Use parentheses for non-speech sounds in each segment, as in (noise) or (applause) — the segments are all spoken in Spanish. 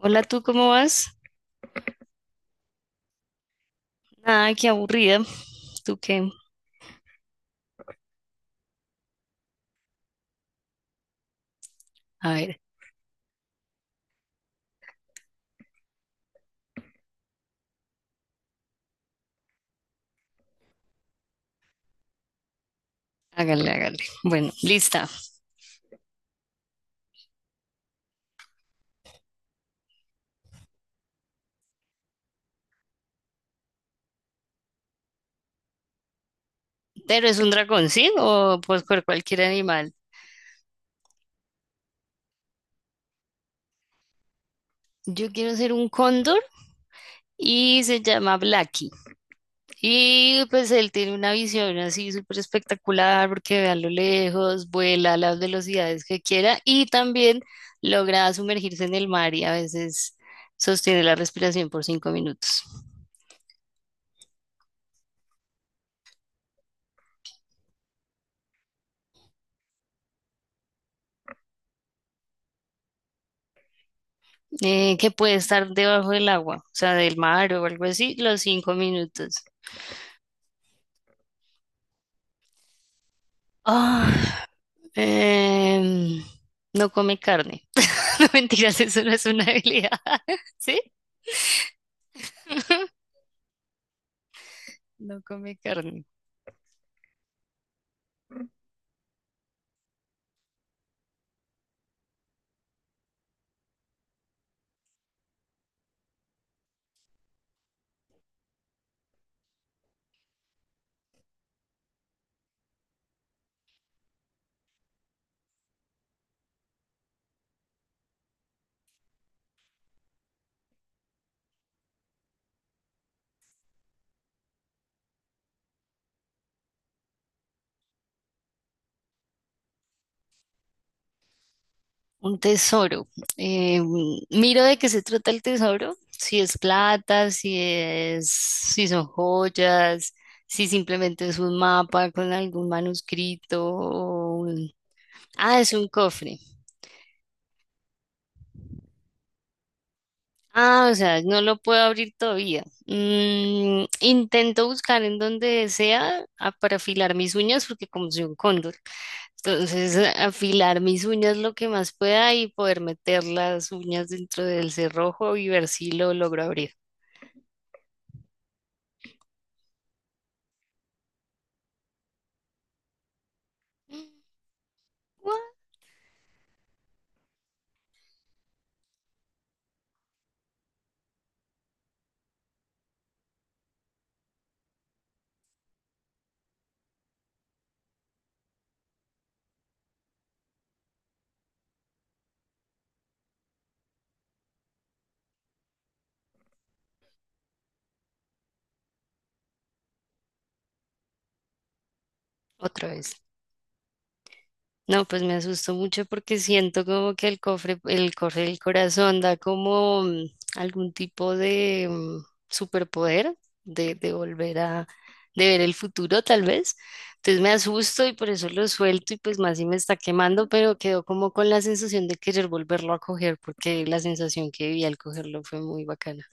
Hola, ¿tú cómo vas? Nada, qué aburrida. ¿Tú qué? A ver, hágale, hágale. Bueno, lista. Pero es un dragón, ¿sí? O pues por cualquier animal. Yo quiero ser un cóndor y se llama Blacky. Y pues él tiene una visión así súper espectacular porque ve a lo lejos, vuela a las velocidades que quiera y también logra sumergirse en el mar y a veces sostiene la respiración por 5 minutos. Que puede estar debajo del agua, o sea, del mar o algo así, los 5 minutos. Ah, em, no come carne. (laughs) No mentiras, eso no es una habilidad. (laughs) ¿Sí? No come carne. Un tesoro. Em, miro de qué se trata el tesoro. Si es plata, si son joyas, si simplemente es un mapa con algún manuscrito o Ah, es un cofre. Ah, o sea, no lo puedo abrir todavía. Mm, intento buscar en donde sea para afilar mis uñas porque como soy un cóndor, entonces afilar mis uñas lo que más pueda y poder meter las uñas dentro del cerrojo y ver si lo logro abrir. What? Otra vez. No, pues me asustó mucho porque siento como que el cofre del corazón da como algún tipo de superpoder de volver a, de ver el futuro tal vez. Entonces me asusto y por eso lo suelto y pues más si me está quemando, pero quedo como con la sensación de querer volverlo a coger porque la sensación que viví al cogerlo fue muy bacana.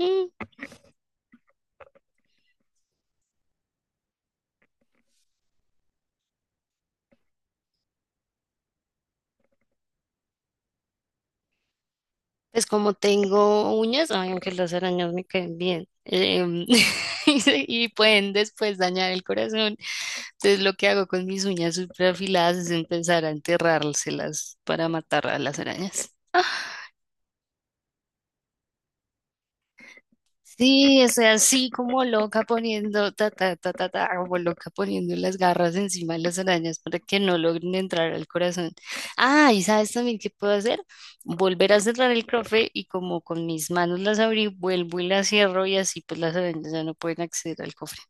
Mm, pues como tengo uñas, ay, aunque las arañas me caen bien, (laughs) y pueden después dañar el corazón. Entonces lo que hago con mis uñas súper afiladas es empezar a enterrárselas para matar a las arañas. Ah, sí, estoy así como loca poniendo, ta, ta, ta, ta, ta, como loca poniendo las garras encima de las arañas para que no logren entrar al corazón. Ah, ¿y sabes también qué puedo hacer? Volver a cerrar el cofre y como con mis manos las abrí, vuelvo y las cierro y así pues las arañas ya no pueden acceder al cofre.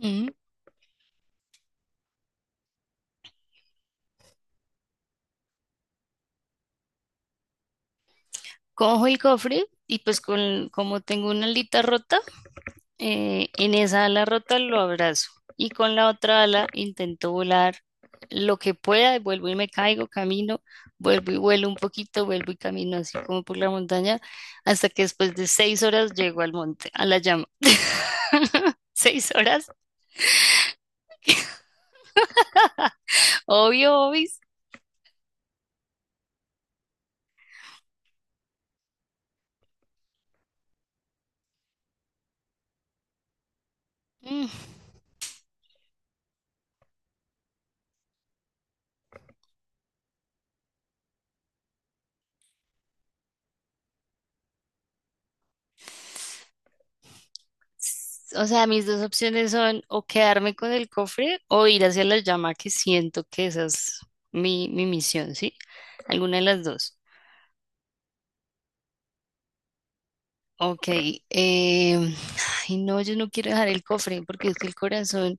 Ujú. Cojo el cofre y pues con, como tengo una alita rota, en esa ala rota lo abrazo y con la otra ala intento volar lo que pueda, y vuelvo y me caigo, camino, vuelvo y vuelo un poquito, vuelvo y camino así como por la montaña, hasta que después de 6 horas llego al monte, a la llama. (laughs) 6 horas, obvio, obis. Mm. O sea, mis dos opciones son o quedarme con el cofre o ir hacia la llama, que siento que esa es mi misión, ¿sí? Alguna de las dos. Ok, em, ay, no, yo no quiero dejar el cofre porque es que el corazón,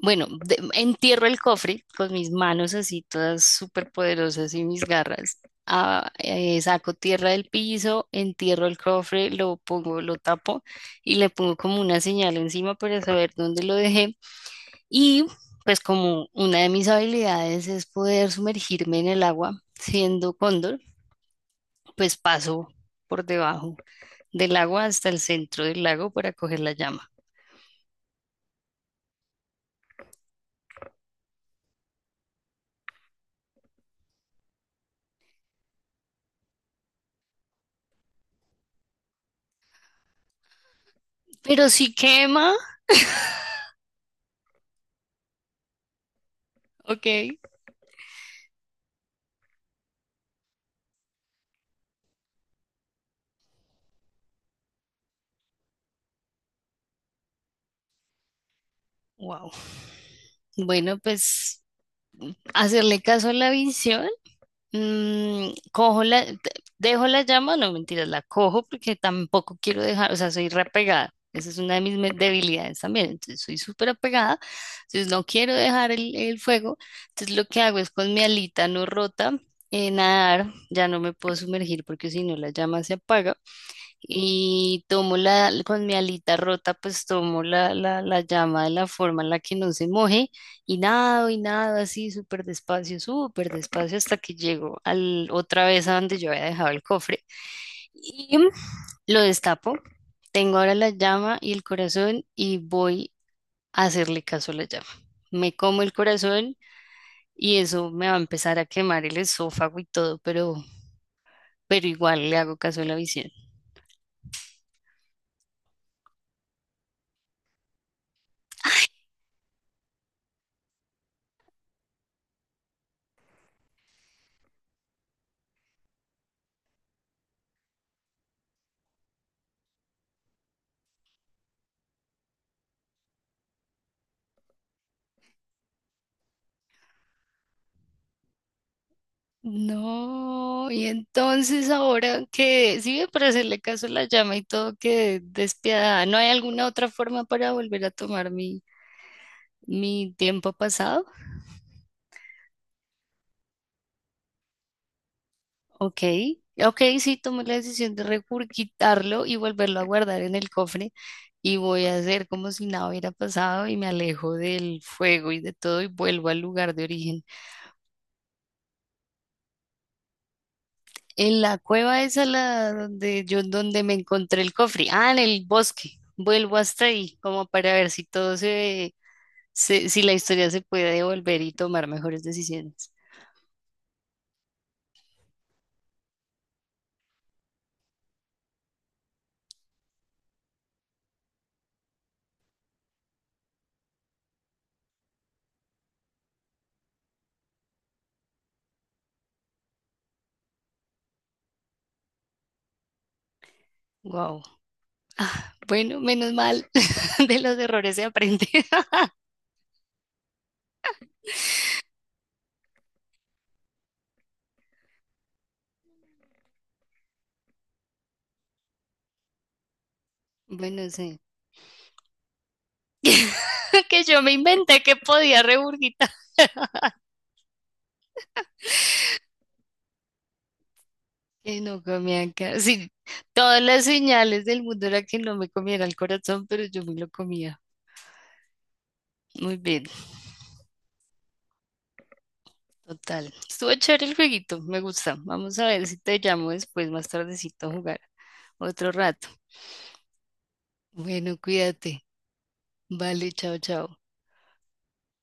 bueno, entierro el cofre con mis manos así todas súper poderosas y mis garras. Ah, saco tierra del piso, entierro el cofre, lo pongo, lo tapo y le pongo como una señal encima para saber dónde lo dejé. Y pues como una de mis habilidades es poder sumergirme en el agua, siendo cóndor, pues paso por debajo del agua hasta el centro del lago para coger la llama. Pero si quema, ok, wow. Bueno, pues hacerle caso a la visión. Mm, dejo la llama, no mentiras, la cojo porque tampoco quiero dejar, o sea, soy reapegada. Esa es una de mis debilidades también. Entonces, soy súper apegada. Entonces, no quiero dejar el fuego. Entonces, lo que hago es con mi alita no rota, nadar. Ya no me puedo sumergir porque si no, la llama se apaga. Y con mi alita rota, pues la llama de la forma en la que no se moje y nado así súper despacio hasta que llego al, otra vez a donde yo había dejado el cofre y lo destapo. Tengo ahora la llama y el corazón y voy a hacerle caso a la llama. Me como el corazón y eso me va a empezar a quemar el esófago y todo, pero igual le hago caso a la visión. No, y entonces ahora que sí, ve, para hacerle caso a la llama y todo, que despiadada. ¿No hay alguna otra forma para volver a tomar mi tiempo pasado? Ok, ok, sí, tomé la decisión de regurgitarlo y volverlo a guardar en el cofre y voy a hacer como si nada hubiera pasado y me alejo del fuego y de todo y vuelvo al lugar de origen. En la cueva esa la donde yo donde me encontré el cofre. Ah, en el bosque. Vuelvo hasta ahí, como para ver si todo si la historia se puede devolver y tomar mejores decisiones. Wow, bueno, menos mal. (laughs) De los errores se aprende. (laughs) Bueno, sí. (laughs) Que yo me inventé que podía regurgitar. (laughs) Que no comían carne. Sí, todas las señales del mundo era que no me comiera el corazón, pero yo me lo comía. Muy bien. Total. Estuvo chévere el jueguito, me gusta. Vamos a ver si te llamo después, más tardecito a jugar otro rato. Bueno, cuídate. Vale, chao, chao.